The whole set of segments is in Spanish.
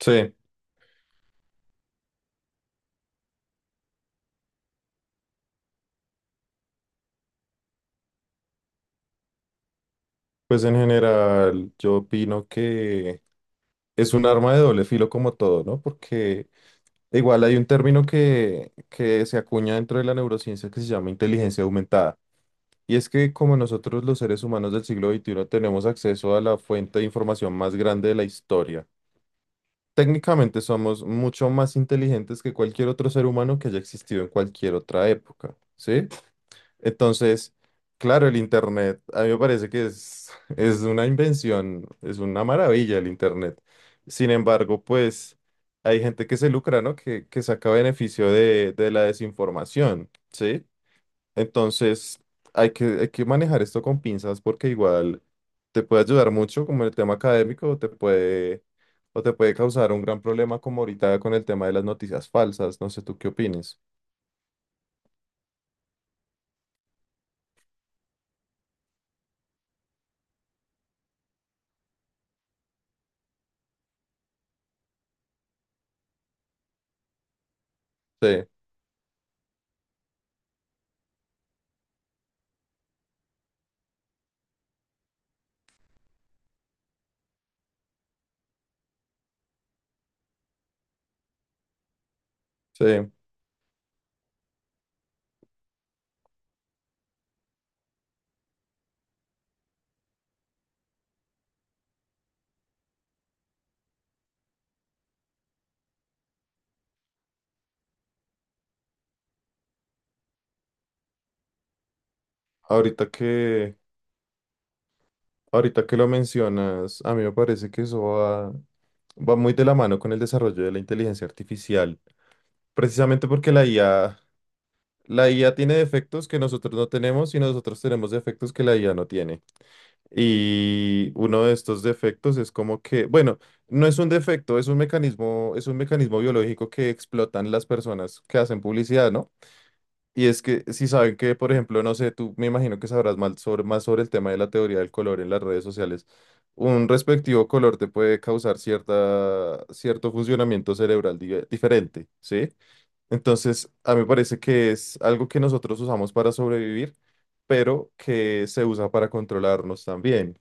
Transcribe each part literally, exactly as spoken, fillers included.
Sí, pues en general yo opino que es un arma de doble filo como todo, ¿no? Porque igual hay un término que, que se acuña dentro de la neurociencia que se llama inteligencia aumentada. Y es que como nosotros los seres humanos del siglo veintiuno tenemos acceso a la fuente de información más grande de la historia, técnicamente somos mucho más inteligentes que cualquier otro ser humano que haya existido en cualquier otra época, ¿sí? Entonces, claro, el Internet, a mí me parece que es, es una invención, es una maravilla el Internet. Sin embargo, pues hay gente que se lucra, ¿no? Que, que saca beneficio de, de la desinformación, ¿sí? Entonces, hay que, hay que manejar esto con pinzas porque igual te puede ayudar mucho como en el tema académico, o te puede, o te puede causar un gran problema como ahorita con el tema de las noticias falsas. No sé, ¿tú qué opinas? Sí, sí. Ahorita que... Ahorita que lo mencionas, a mí me parece que eso va, va muy de la mano con el desarrollo de la inteligencia artificial, precisamente porque la I A, la I A tiene defectos que nosotros no tenemos y nosotros tenemos defectos que la I A no tiene. Y uno de estos defectos es como que, bueno, no es un defecto, es un mecanismo, es un mecanismo biológico que explotan las personas que hacen publicidad, ¿no? Y es que si saben que, por ejemplo, no sé, tú me imagino que sabrás más sobre, más sobre el tema de la teoría del color en las redes sociales. Un respectivo color te puede causar cierta, cierto funcionamiento cerebral di- diferente, ¿sí? Entonces, a mí me parece que es algo que nosotros usamos para sobrevivir, pero que se usa para controlarnos también.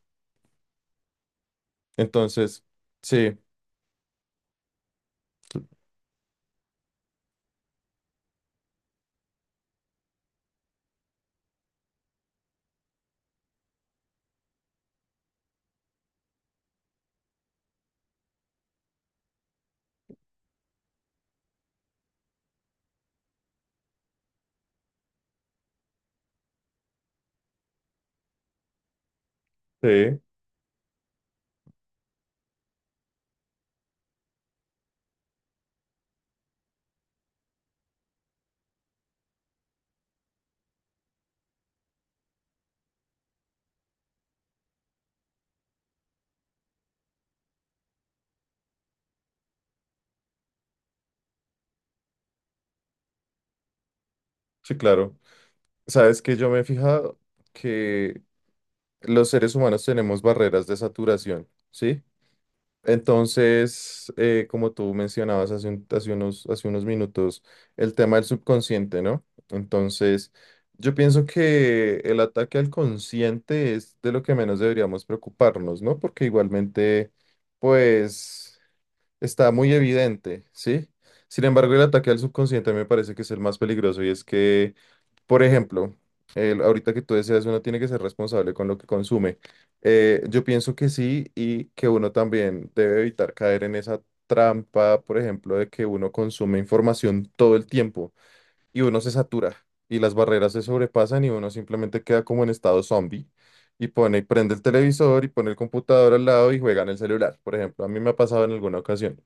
Entonces, sí, sí, sí, claro. Sabes que yo me he fijado que los seres humanos tenemos barreras de saturación, ¿sí? Entonces, eh, como tú mencionabas hace, un- hace unos, hace unos minutos, el tema del subconsciente, ¿no? Entonces, yo pienso que el ataque al consciente es de lo que menos deberíamos preocuparnos, ¿no? Porque igualmente, pues, está muy evidente, ¿sí? Sin embargo, el ataque al subconsciente me parece que es el más peligroso y es que por ejemplo, el- ahorita que tú decías, uno tiene que ser responsable con lo que consume. Eh, yo pienso que sí y que uno también debe evitar caer en esa trampa, por ejemplo, de que uno consume información todo el tiempo y uno se satura y las barreras se sobrepasan y uno simplemente queda como en estado zombie y pone, prende el televisor y pone el computador al lado y juega en el celular, por ejemplo. A mí me ha pasado en alguna ocasión.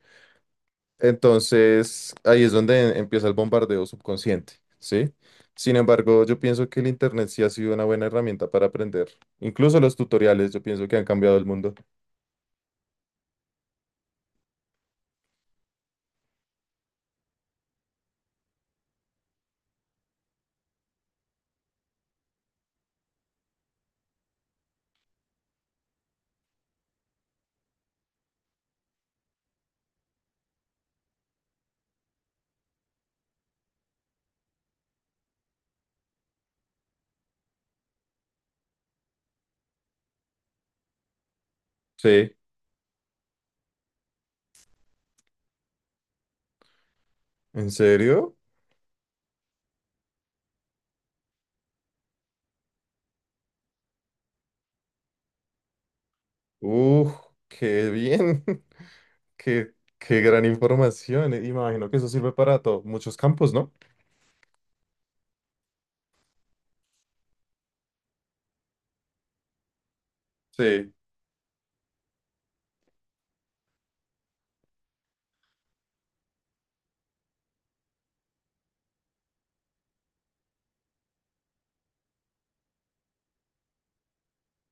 Entonces, ahí es donde em, empieza el bombardeo subconsciente, ¿sí? Sin embargo, yo pienso que el Internet sí ha sido una buena herramienta para aprender. Incluso los tutoriales, yo pienso que han cambiado el mundo. Sí. ¿En serio? ¡Uf! ¡Qué bien! ¡Qué, qué gran información! Imagino que eso sirve para todo, muchos campos, ¿no? Sí.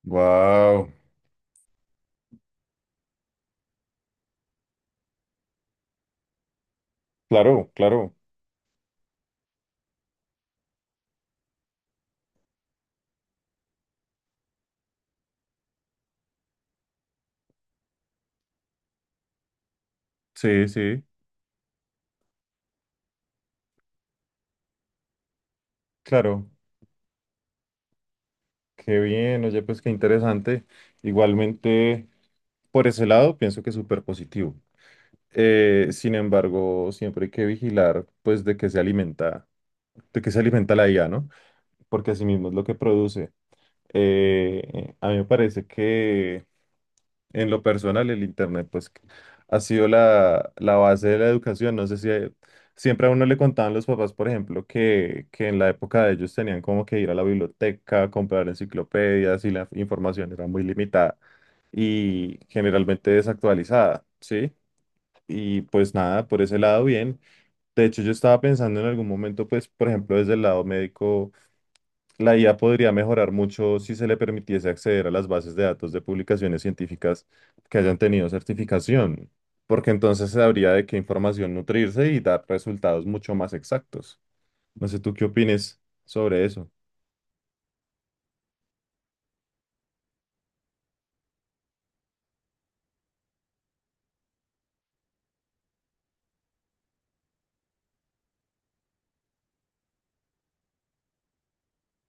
Wow. Claro, claro. Sí, sí, claro. Qué bien, oye, pues qué interesante. Igualmente, por ese lado, pienso que es súper positivo. Eh, sin embargo, siempre hay que vigilar, pues, de qué se alimenta, de qué se alimenta la I A, ¿no? Porque así mismo es lo que produce. Eh, a mí me parece que, en lo personal, el Internet, pues, ha sido la, la base de la educación. No sé si eh, siempre a uno le contaban los papás, por ejemplo, que, que en la época de ellos tenían como que ir a la biblioteca, comprar enciclopedias y la información era muy limitada y generalmente desactualizada, ¿sí? Y pues nada, por ese lado bien, de hecho, yo estaba pensando en algún momento, pues, por ejemplo, desde el lado médico, la I A podría mejorar mucho si se le permitiese acceder a las bases de datos de publicaciones científicas que hayan tenido certificación, porque entonces se habría de qué información nutrirse y dar resultados mucho más exactos. No sé tú qué opines sobre eso.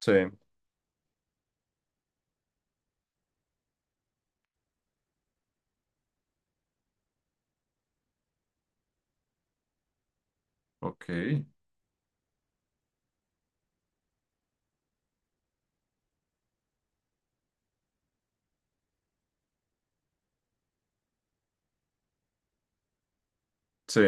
Sí, ok, sí,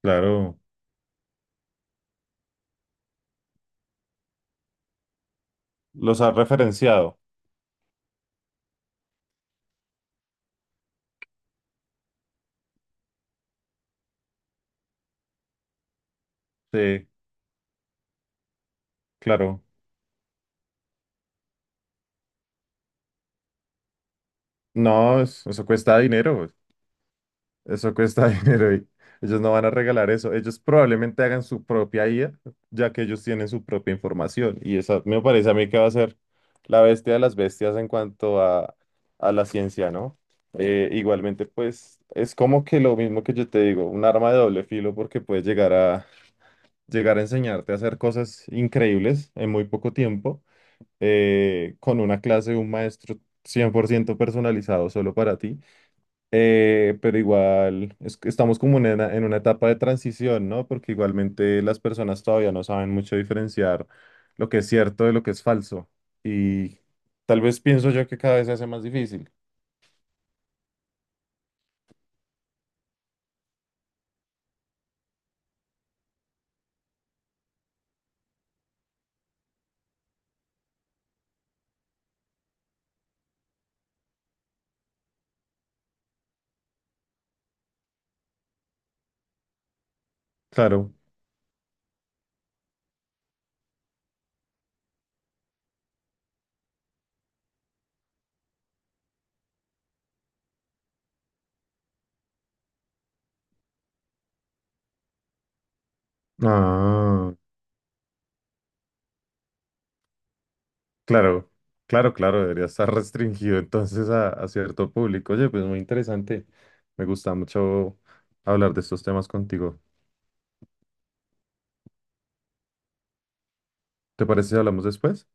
claro, los has referenciado. Sí, claro. No, es- eso cuesta dinero. Eso cuesta dinero y ellos no van a regalar eso. Ellos probablemente hagan su propia I A, ya que ellos tienen su propia información. Y esa me parece a mí que va a ser la bestia de las bestias en cuanto a, a la ciencia, ¿no? Eh, igualmente, pues es como que lo mismo que yo te digo, un arma de doble filo porque puedes llegar a, llegar a enseñarte a hacer cosas increíbles en muy poco tiempo, eh, con una clase de un maestro cien por ciento personalizado solo para ti. Eh, pero igual es que estamos como en una, en una etapa de transición, ¿no? Porque igualmente las personas todavía no saben mucho diferenciar lo que es cierto de lo que es falso. Y tal vez pienso yo que cada vez se hace más difícil. Claro. Ah, claro, claro, claro, debería estar restringido entonces a, a cierto público. Oye, pues muy interesante. Me gusta mucho hablar de estos temas contigo. ¿Te parece si hablamos después?